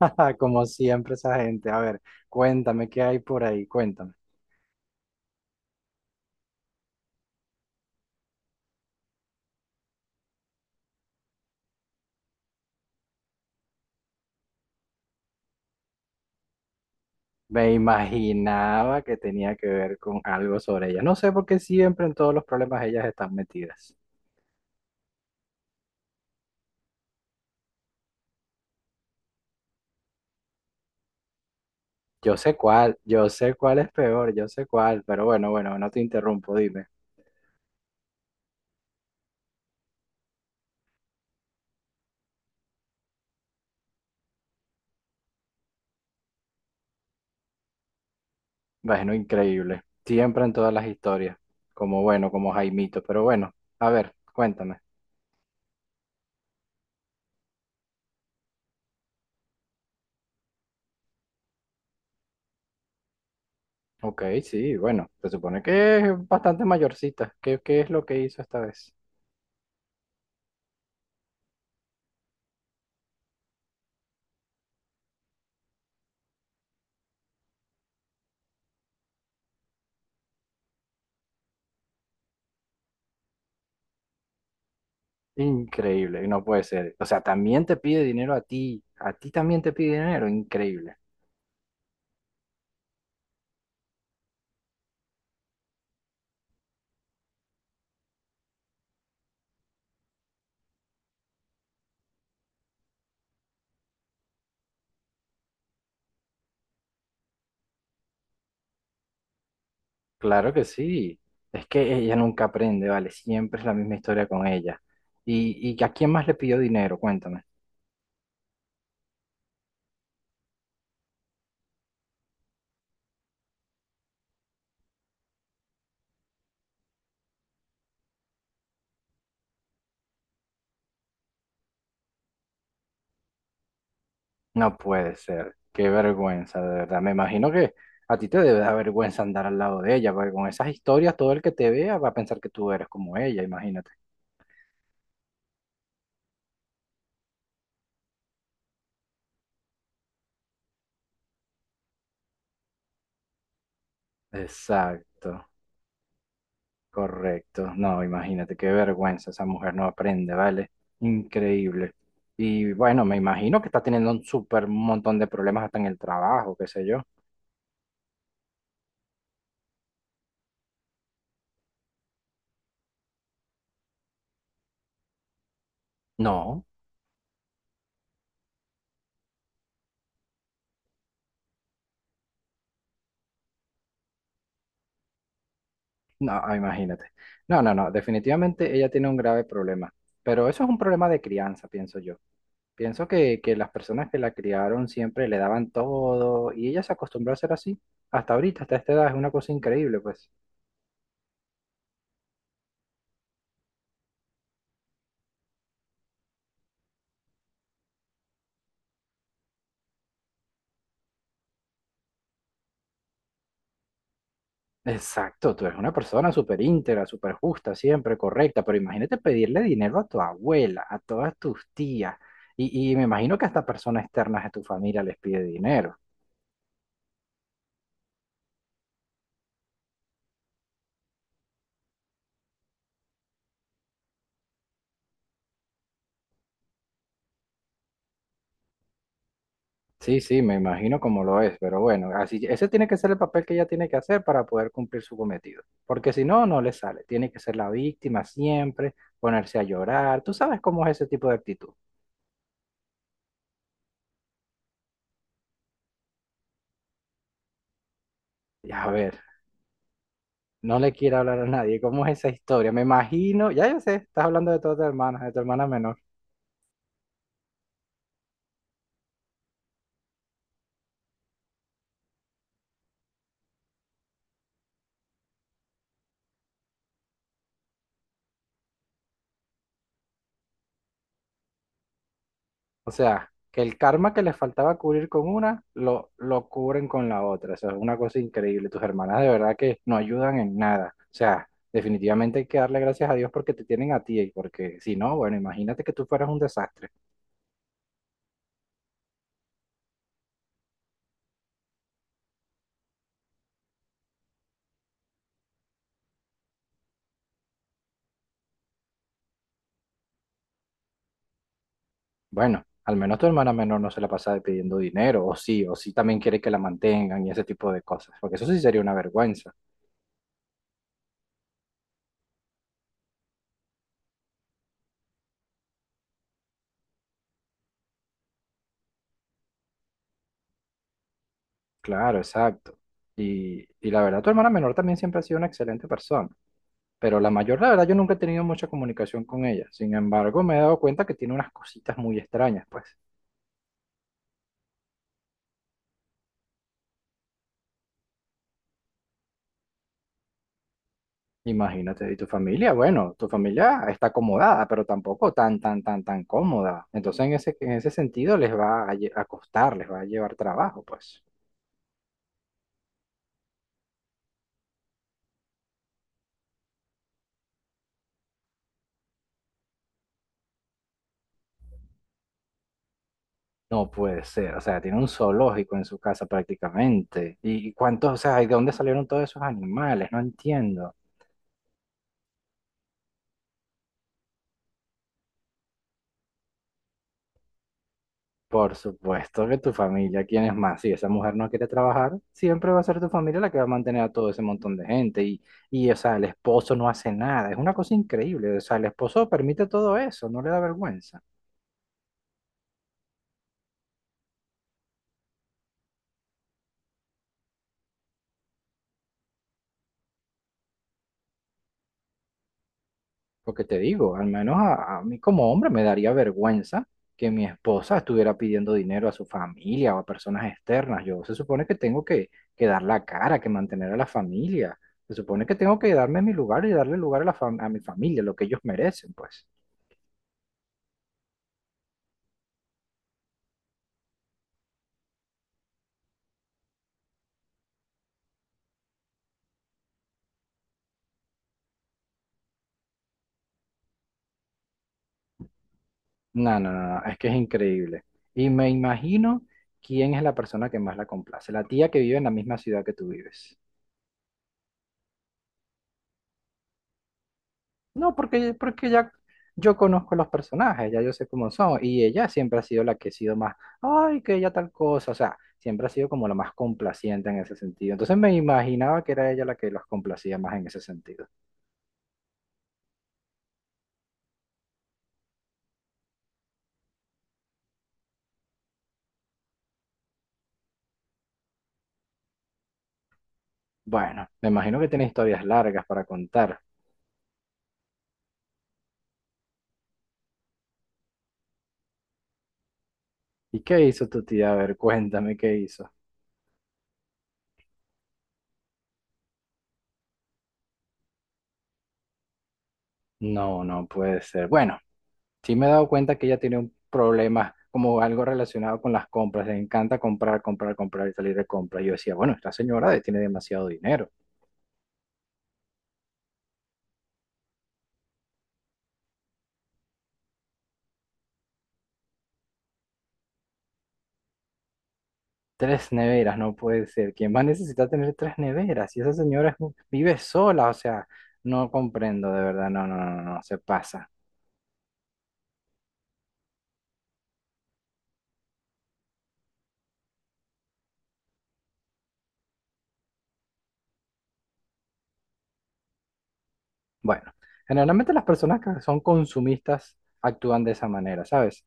Como siempre esa gente. A ver, cuéntame qué hay por ahí, cuéntame. Me imaginaba que tenía que ver con algo sobre ella. No sé por qué siempre en todos los problemas ellas están metidas. Yo sé cuál es peor, yo sé cuál, pero bueno, no te interrumpo, dime. Bueno, increíble. Siempre en todas las historias. Como bueno, como Jaimito, pero bueno, a ver, cuéntame. Ok, sí, bueno, se supone que es bastante mayorcita. ¿Qué es lo que hizo esta vez? Increíble, no puede ser. O sea, también te pide dinero a ti también te pide dinero, increíble. Claro que sí. Es que ella nunca aprende, vale, siempre es la misma historia con ella. ¿Y a quién más le pidió dinero? Cuéntame. No puede ser, qué vergüenza, de verdad. Me imagino que a ti te debe dar vergüenza andar al lado de ella, porque con esas historias todo el que te vea va a pensar que tú eres como ella, imagínate. Exacto. Correcto, no, imagínate qué vergüenza, esa mujer no aprende, ¿vale? Increíble. Y bueno, me imagino que está teniendo un súper montón de problemas hasta en el trabajo, qué sé yo. No, no, imagínate. No, no, no, definitivamente ella tiene un grave problema, pero eso es un problema de crianza, pienso yo. Pienso que las personas que la criaron siempre le daban todo y ella se acostumbró a ser así. Hasta ahorita, hasta esta edad, es una cosa increíble, pues. Exacto, tú eres una persona súper íntegra, súper justa, siempre correcta, pero imagínate pedirle dinero a tu abuela, a todas tus tías, y me imagino que hasta personas externas de tu familia les pide dinero. Sí, sí, me imagino cómo lo es, pero bueno, así, ese tiene que ser el papel que ella tiene que hacer para poder cumplir su cometido, porque si no, no le sale, tiene que ser la víctima siempre, ponerse a llorar, tú sabes cómo es ese tipo de actitud. Y a ver, no le quiero hablar a nadie, ¿cómo es esa historia? Me imagino, ya yo sé, estás hablando de todas tus hermanas, de tu hermana menor. O sea, que el karma que les faltaba cubrir con una, lo cubren con la otra. O sea, es una cosa increíble. Tus hermanas de verdad que no ayudan en nada. O sea, definitivamente hay que darle gracias a Dios porque te tienen a ti y porque si no, bueno, imagínate que tú fueras un desastre. Bueno, al menos tu hermana menor no se la pasa de pidiendo dinero, o sí también quiere que la mantengan y ese tipo de cosas, porque eso sí sería una vergüenza. Claro, exacto. Y la verdad, tu hermana menor también siempre ha sido una excelente persona. Pero la mayor, la verdad, yo nunca he tenido mucha comunicación con ella. Sin embargo, me he dado cuenta que tiene unas cositas muy extrañas, pues. Imagínate, y tu familia, bueno, tu familia está acomodada, pero tampoco tan cómoda. Entonces, en ese sentido, les va a, lle- a costar, les va a llevar trabajo, pues. No puede ser, o sea, tiene un zoológico en su casa prácticamente. ¿Y cuántos, o sea, y de dónde salieron todos esos animales? No entiendo. Por supuesto que tu familia, ¿quién es más? Si esa mujer no quiere trabajar, siempre va a ser tu familia la que va a mantener a todo ese montón de gente. Y, o sea, el esposo no hace nada. Es una cosa increíble. O sea, el esposo permite todo eso, no le da vergüenza. Porque te digo, al menos a mí como hombre me daría vergüenza que mi esposa estuviera pidiendo dinero a su familia o a personas externas. Yo se supone que tengo que dar la cara, que mantener a la familia. Se supone que tengo que darme mi lugar y darle lugar a, a mi familia, lo que ellos merecen, pues. No, no, no, no, es que es increíble. Y me imagino quién es la persona que más la complace, la tía que vive en la misma ciudad que tú vives. No, porque ya yo conozco los personajes, ya yo sé cómo son, y ella siempre ha sido la que ha sido más, ay, que ella tal cosa, o sea, siempre ha sido como la más complaciente en ese sentido. Entonces me imaginaba que era ella la que los complacía más en ese sentido. Bueno, me imagino que tiene historias largas para contar. ¿Y qué hizo tu tía? A ver, cuéntame qué hizo. No, no puede ser. Bueno. Sí me he dado cuenta que ella tiene un problema como algo relacionado con las compras. Le encanta comprar, comprar, comprar y salir de compra. Yo decía, bueno, esta señora tiene demasiado dinero. Tres neveras, no puede ser. ¿Quién más necesita tener tres neveras? Y esa señora vive sola, o sea, no comprendo, de verdad, no, no, no, no, no, se pasa. Bueno, generalmente las personas que son consumistas actúan de esa manera, ¿sabes?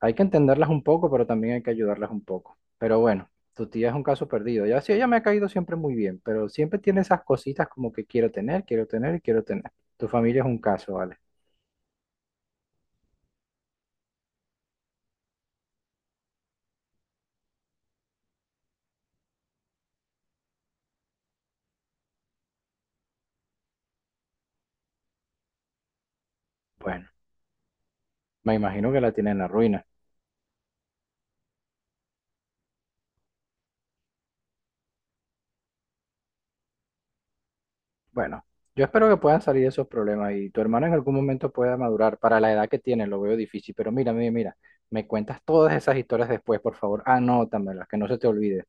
Hay que entenderlas un poco, pero también hay que ayudarlas un poco. Pero bueno, tu tía es un caso perdido. Ya sí, ella me ha caído siempre muy bien, pero siempre tiene esas cositas como que quiero tener y quiero tener. Tu familia es un caso, ¿vale? Bueno, me imagino que la tiene en la ruina. Bueno, yo espero que puedan salir de esos problemas y tu hermano en algún momento pueda madurar. Para la edad que tiene, lo veo difícil, pero mira, mira, mira, me cuentas todas esas historias después, por favor. Anótamelas, que no se te olvide.